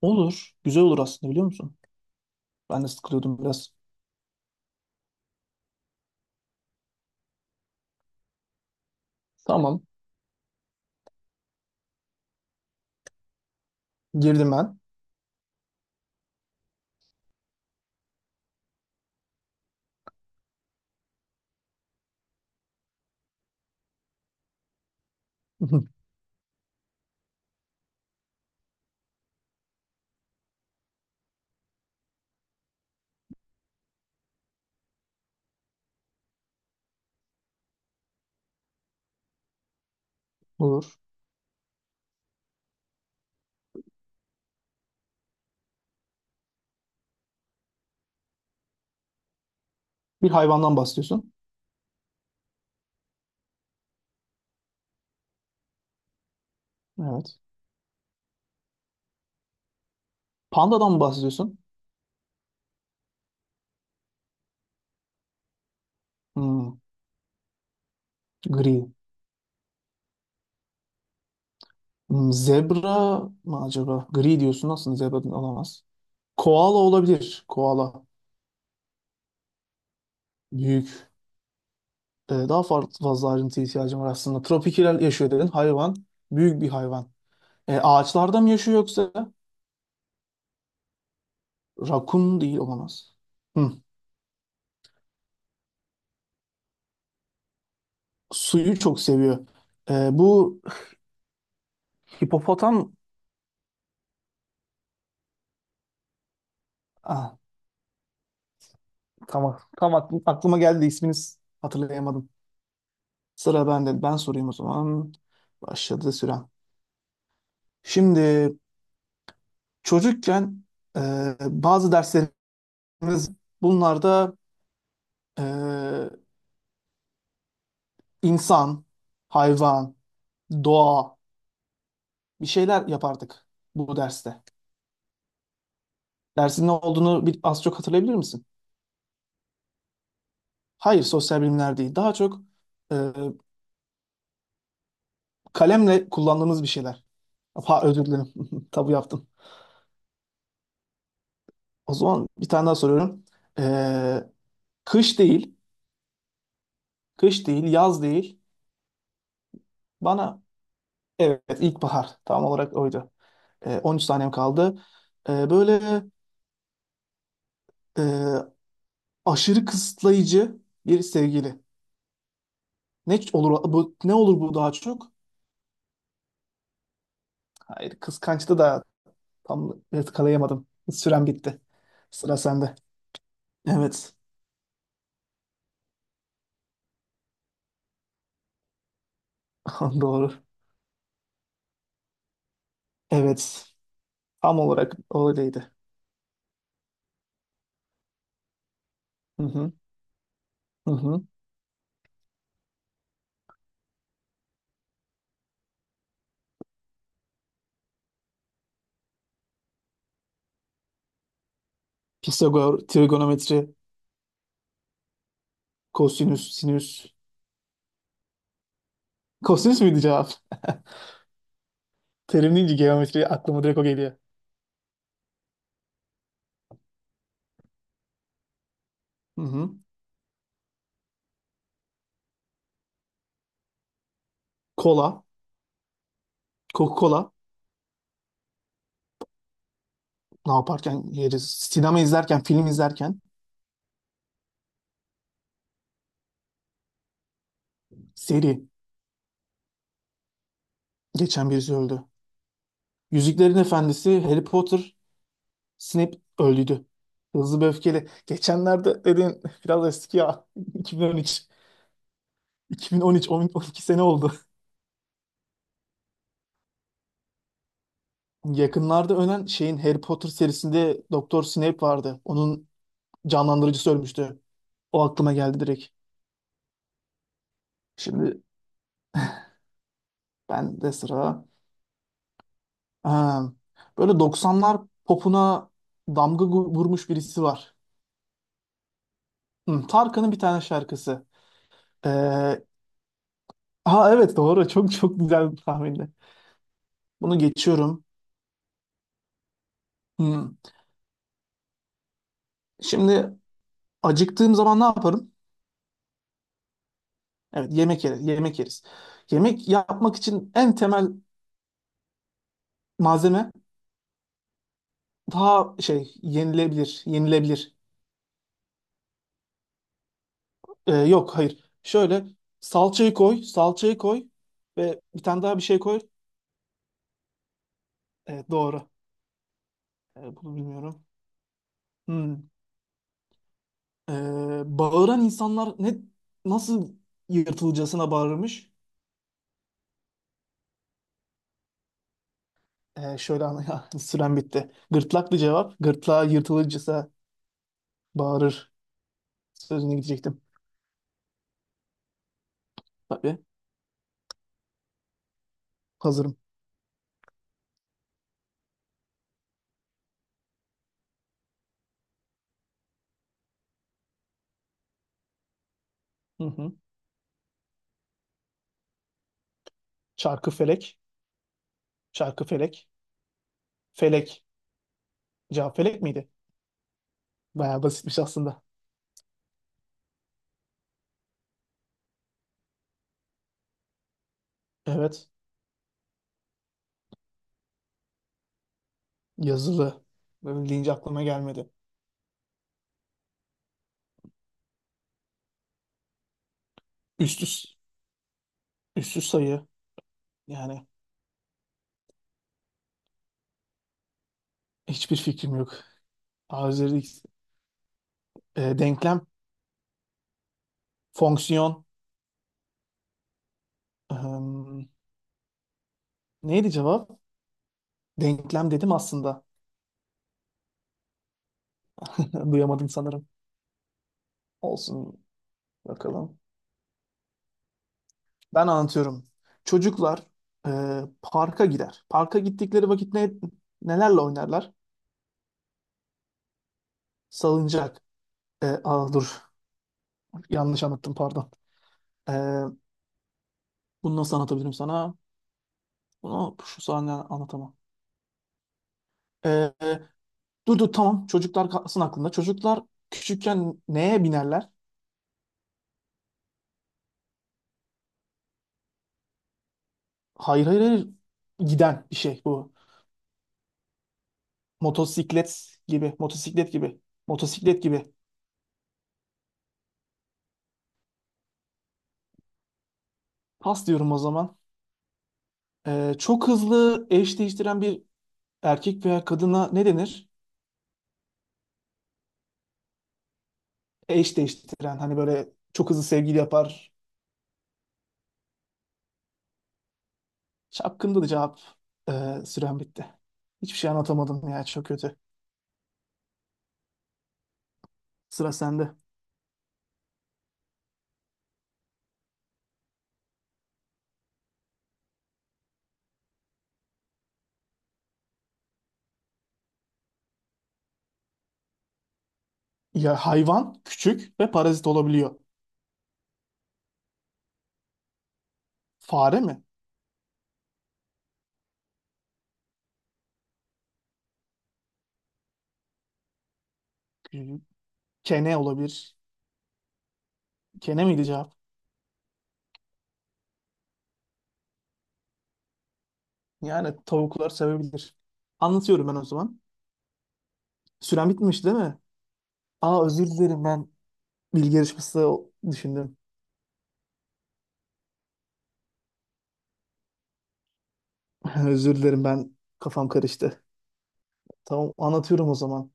Olur. Güzel olur aslında biliyor musun? Ben de sıkılıyordum biraz. Tamam. Girdim ben. Olur. Bir hayvandan bahsediyorsun. Evet. Pandadan mı bahsediyorsun? Hmm, Gri. Zebra mı acaba? Gri diyorsun. Aslında zebra olamaz. Koala olabilir. Koala. Büyük. Daha farklı fazla ayrıntı ihtiyacım var aslında. Tropikal yaşıyor dedin. Hayvan. Büyük bir hayvan. Ağaçlarda mı yaşıyor yoksa? Rakun değil olamaz. Hmm, Suyu çok seviyor. Bu Hipopotam. Ah, tamam, tam aklıma geldi de isminiz hatırlayamadım. Sıra bende. Ben sorayım o zaman. Başladı süren. Şimdi çocukken e, bazı derslerimiz bunlarda e, insan, hayvan, doğa bir şeyler yapardık bu derste. Dersin ne olduğunu az çok hatırlayabilir misin? Hayır, sosyal bilimler değil. Daha çok e, kalemle kullandığımız bir şeyler. Ha, özür dilerim. Tabu yaptım. O zaman bir tane daha soruyorum. Ee, Kış değil, kış değil, yaz değil. Bana, evet, ilkbahar tam olarak oydu. 13 saniyem kaldı. Böyle e, aşırı kısıtlayıcı bir sevgili. Ne olur bu, ne olur bu daha çok? Hayır, kıskançtı da tam yakalayamadım. Sürem bitti. Sıra sende. Evet, doğru. Evet, tam olarak öyleydi. Hı hı, hı hı. Pisagor, trigonometri, kosinüs, sinüs. Kosinüs müydü cevap? Terim deyince geometri aklıma direkt o geliyor. Hı hı. Kola. Coca-Cola. Ne yaparken yeriz? Sinema izlerken, film izlerken. Seri. Geçen birisi öldü. Yüzüklerin Efendisi, Harry Potter, Snape öldüydü. Hızlı ve Öfkeli. Geçenlerde dedin biraz eski ya. 2013. 2013, 10 12 sene oldu. Yakınlarda ölen şeyin Harry Potter serisinde Doktor Snape vardı. Onun canlandırıcısı ölmüştü. O aklıma geldi direkt. Şimdi ben de sıra. Ha, böyle 90'lar popuna damga vurmuş birisi var. Hı, Tarkan'ın bir tane şarkısı. Ee, ha, evet doğru. Çok çok güzel bir tahminde. Bunu geçiyorum. Hı. Şimdi acıktığım zaman ne yaparım? Evet, yemek yeriz. Yemek yeriz. Yemek yapmak için en temel malzeme daha şey yenilebilir. Yenilebilir. Yok, hayır. Şöyle salçayı koy. Salçayı koy. Ve bir tane daha bir şey koy. Evet, doğru. Bunu bilmiyorum. Hmm. Ee, Bağıran insanlar nasıl yırtılcasına bağırmış? Şöyle anla ya, süren bitti. Gırtlaklı cevap. Gırtlağı yırtılırcasına bağırır. Sözüne gidecektim. Tabii. Hazırım. Hı hı. Çarkı felek. Çarkı felek. Felek. Cevap felek miydi? Bayağı basitmiş aslında. Evet. Yazılı. Böyle deyince aklıma gelmedi. Üst üst, sayı. Yani hiçbir fikrim yok. Arızalı. Denklem. Fonksiyon. Ehm, Neydi cevap? Denklem dedim aslında. Duyamadım sanırım. Olsun, bakalım. Ben anlatıyorum. Çocuklar e, parka gider. Parka gittikleri vakit nelerle oynarlar? Salıncak. Aa, dur, yanlış anlattım, pardon. E, Bunu nasıl anlatabilirim sana? Bunu şu sahne anlatamam. E, e, Dur dur, tamam, çocuklar kalsın aklında. Çocuklar küçükken neye binerler? Hayır, hayır, hayır, giden bir şey bu. Motosiklet gibi, motosiklet gibi, motosiklet gibi. Pas diyorum o zaman. Çok hızlı eş değiştiren bir erkek veya kadına ne denir? Eş değiştiren, hani böyle çok hızlı sevgili yapar. Şapkında da cevap. Süren bitti. Hiçbir şey anlatamadım ya, çok kötü. Sıra sende. Ya hayvan küçük ve parazit olabiliyor. Fare mi? Kene olabilir. Kene miydi cevap? Yani tavuklar sevebilir. Anlatıyorum ben o zaman. Süren bitmiş değil mi? Aa, özür dilerim, ben bilgi yarışması düşündüm. Özür dilerim, ben kafam karıştı. Tamam, anlatıyorum o zaman.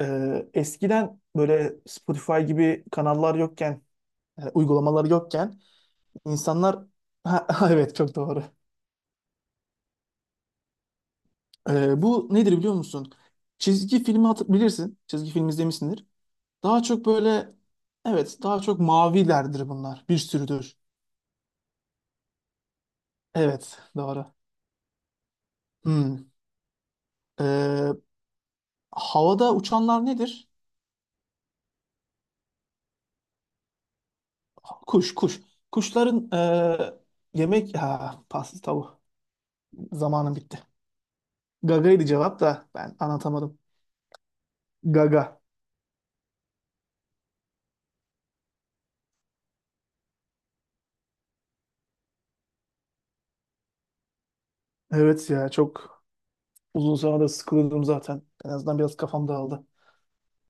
Eskiden böyle Spotify gibi kanallar yokken, yani uygulamalar yokken insanlar... Ha, evet, çok doğru. Bu nedir biliyor musun? Çizgi filmi bilirsin. Çizgi film izlemişsindir. Daha çok böyle... Evet, daha çok mavilerdir bunlar. Bir sürüdür. Evet, doğru. Hmm. Ee, Havada uçanlar nedir? Kuş, kuş. Kuşların yemek... Ha, pasta tavuğu. Zamanım bitti. Gaga'ydı cevap da, ben anlatamadım. Gaga. Evet ya, çok uzun sonra da sıkıldım zaten. En azından biraz kafam dağıldı.